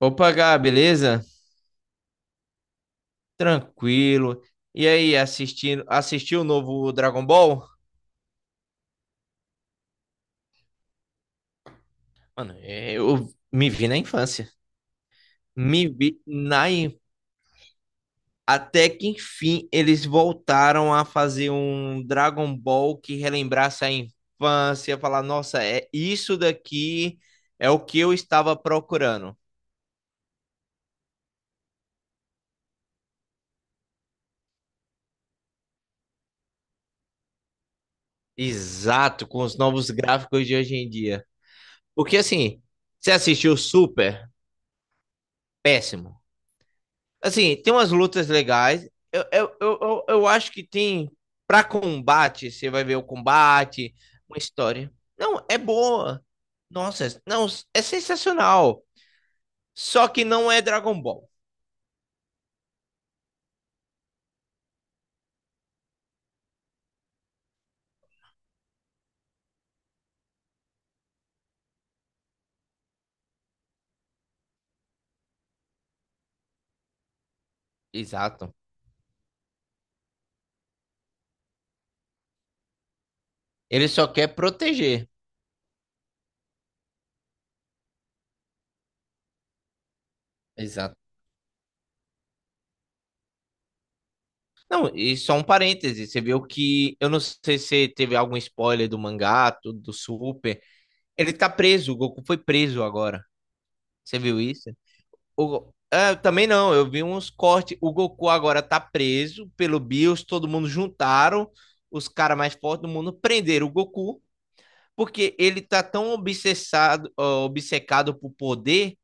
Opa, Gá, beleza? Tranquilo. E aí, assistindo, assistiu o novo Dragon Ball? Mano, eu me vi na infância. Me vi na in- Até que enfim eles voltaram a fazer um Dragon Ball que relembrasse a infância, falar, nossa, é isso daqui é o que eu estava procurando. Exato, com os novos gráficos de hoje em dia. Porque assim, você assistiu Super? Péssimo. Assim, tem umas lutas legais. Eu acho que tem. Pra combate, você vai ver o combate, uma história. Não, é boa. Nossa, não, é sensacional. Só que não é Dragon Ball. Exato. Ele só quer proteger. Exato. Não, e só um parêntese, você viu que eu não sei se teve algum spoiler do mangá, tudo do Super. Ele tá preso, o Goku foi preso agora. Você viu isso? O... Ah, também não, eu vi uns cortes. O Goku agora tá preso pelo Bills, todo mundo juntaram, os caras mais fortes do mundo prenderam o Goku, porque ele tá tão obsessado, ó, obcecado por poder,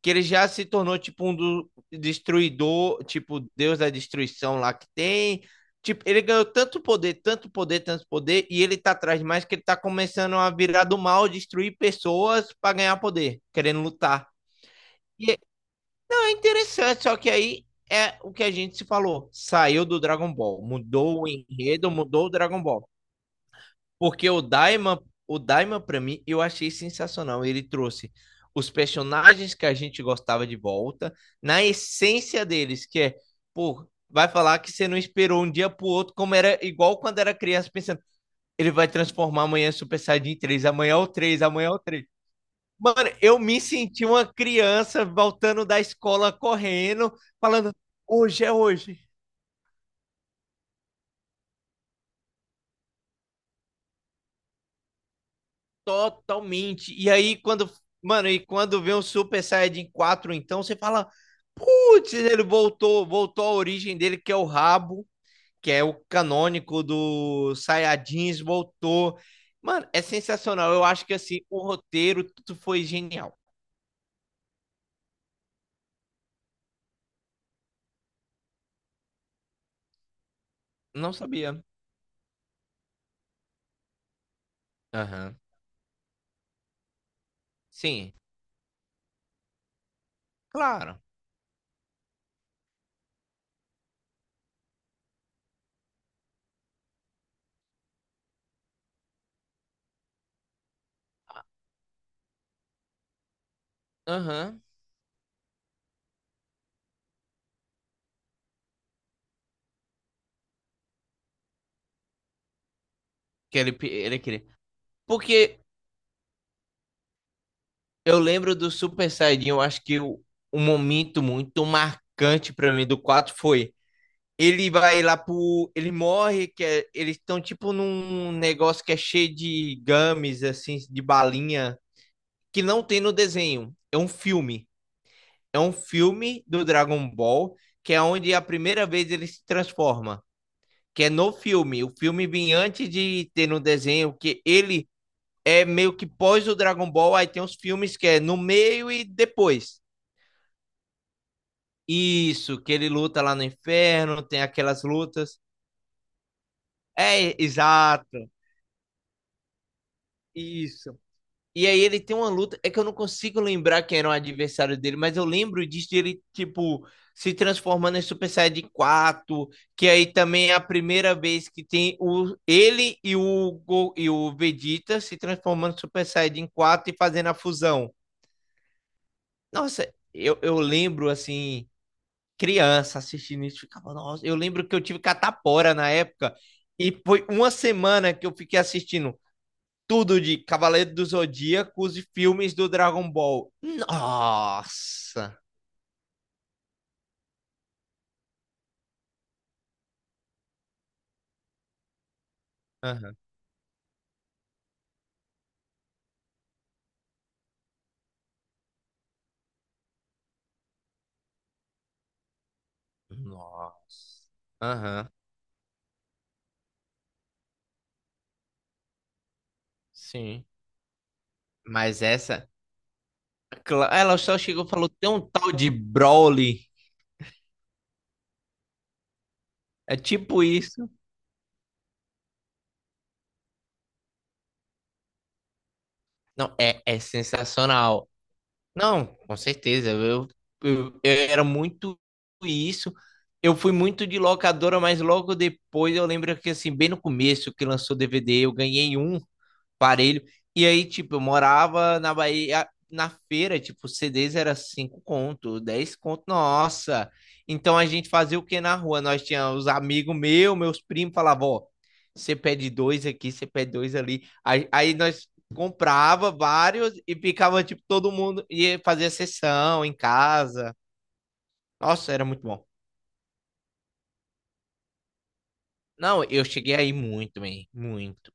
que ele já se tornou tipo um do... destruidor, tipo Deus da destruição lá que tem. Tipo, ele ganhou tanto poder, tanto poder, tanto poder, e ele tá atrás de mais que ele tá começando a virar do mal, destruir pessoas pra ganhar poder, querendo lutar. E interessante, só que aí é o que a gente se falou. Saiu do Dragon Ball, mudou o enredo, mudou o Dragon Ball. Porque o Daima para mim, eu achei sensacional. Ele trouxe os personagens que a gente gostava de volta, na essência deles, que é, pô, vai falar que você não esperou um dia pro outro, como era igual quando era criança, pensando, ele vai transformar amanhã Super Saiyajin três, amanhã é o três, amanhã é o três. Mano, eu me senti uma criança voltando da escola correndo, falando, hoje é hoje. Totalmente. E aí, quando. Mano, e quando vê o Super Saiyajin quatro então, você fala, putz, ele voltou, voltou à origem dele, que é o rabo, que é o canônico do Saiyajins, voltou. Mano, é sensacional. Eu acho que, assim, o roteiro, tudo foi genial. Não sabia. Aham. Sim, claro. Aham. Que ele queria. Porque eu lembro do Super Saiyajin, eu acho que o, um momento muito marcante pra mim do 4 foi. Ele vai lá pro. Ele morre, que é- eles estão tipo num negócio que é cheio de gummies, assim, de balinha, que não tem no desenho. É um filme. É um filme do Dragon Ball, que é onde a primeira vez ele se transforma. Que é no filme. O filme vem antes de ter no desenho, que ele é meio que pós o Dragon Ball, aí tem os filmes que é no meio e depois. Isso, que ele luta lá no inferno, tem aquelas lutas. É, exato. Isso. E aí ele tem uma luta, é que eu não consigo lembrar quem era o adversário dele, mas eu lembro disso de ele, tipo, se transformando em Super Saiyajin quatro, que aí também é a primeira vez que tem o ele e o e o Vegeta se transformando em Super Saiyajin quatro e fazendo a fusão. Nossa, eu lembro assim criança assistindo isso, ficava, nossa, eu lembro que eu tive catapora na época e foi uma semana que eu fiquei assistindo tudo de Cavaleiro do Zodíaco, os filmes do Dragon Ball. Nossa! Aham. Nossa. Aham. Sim. Mas essa, ela só chegou e falou, tem um tal de Broly. É tipo isso. Não, é, é sensacional. Não, com certeza. Eu, eu era muito isso. Eu fui muito de locadora, mas logo depois eu lembro que assim, bem no começo que lançou o DVD, eu ganhei um parelho. E aí, tipo, eu morava na Bahia, na feira, tipo, CDs era 5 conto, dez conto, nossa. Então a gente fazia o que na rua? Nós tínhamos os amigos meus, meus primos, falavam, ó, você pede dois aqui, você pede dois ali. Aí nós comprava vários e ficava, tipo, todo mundo ia fazer sessão em casa. Nossa, era muito bom. Não, eu cheguei aí muito, man, muito.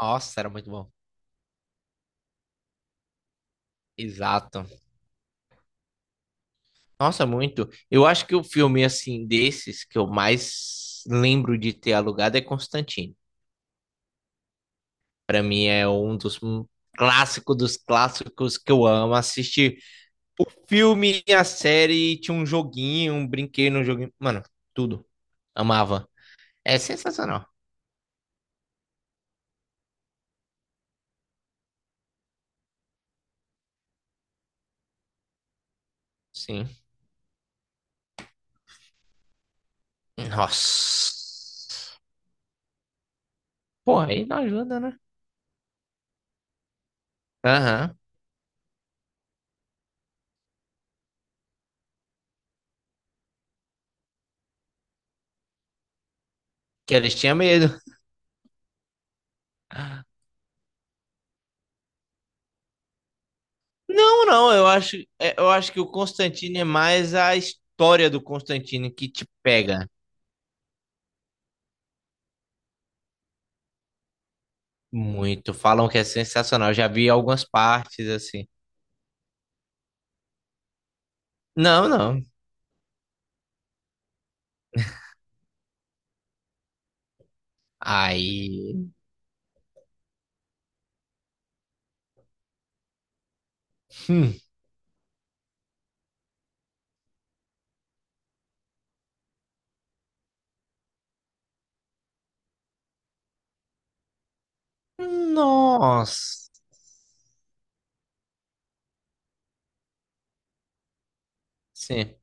Nossa, era muito bom. Exato. Nossa, muito. Eu acho que o filme assim desses que eu mais lembro de ter alugado é Constantine. Pra mim é um dos clássicos que eu amo assistir. O filme, a série, tinha um joguinho, um brinquedo no joguinho, mano, tudo. Amava. É sensacional. Sim. Nossa. Pô, aí não ajuda, né? Aham. Que eles tinham medo. Não, não, eu acho, é, eu acho que o Constantine é mais a história do Constantine que te pega muito. Falam que é sensacional. Eu já vi algumas partes assim. Não, não. Aí, hum, nossa, sim,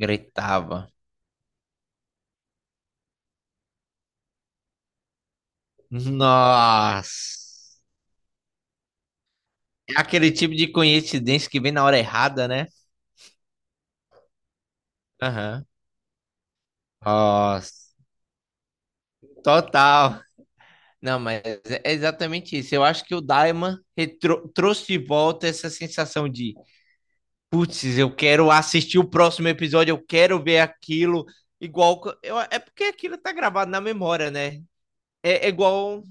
gritava. Nossa. É aquele tipo de coincidência que vem na hora errada, né? Aham. Nossa. Total. Não, mas é exatamente isso. Eu acho que o Daima trouxe de volta essa sensação de putz, eu quero assistir o próximo episódio, eu quero ver aquilo. Igual. Eu, é porque aquilo tá gravado na memória, né? É, é igual.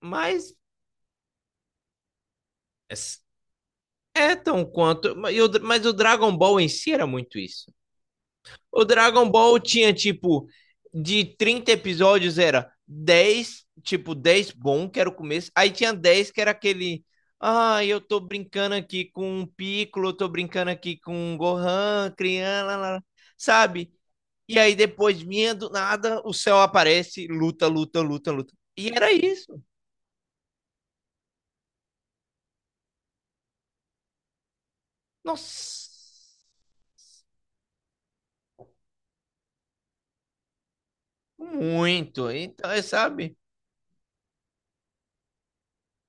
Mas. É tão quanto. Mas, o Dragon Ball em si era muito isso. O Dragon Ball tinha, tipo, de 30 episódios era 10, tipo, 10 bom, que era o começo. Aí tinha 10 que era aquele. Ah, eu tô brincando aqui com o Piccolo, eu tô brincando aqui com o Gohan, criança, sabe? E aí depois vinha do nada, o céu aparece, luta, luta, luta, luta. E era isso. Nossa, muito. Então, é, sabe,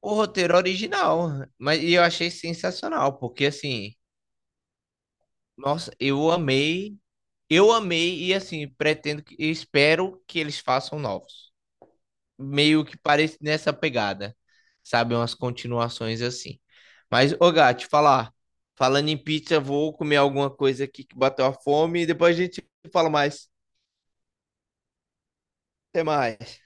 o roteiro original. Mas e eu achei sensacional, porque assim, nossa, eu amei e assim, pretendo que, espero que eles façam novos. Meio que parece nessa pegada, sabe? Umas continuações assim. Mas, ô gato falar. Falando em pizza, vou comer alguma coisa aqui que bateu a fome e depois a gente fala mais. Até mais.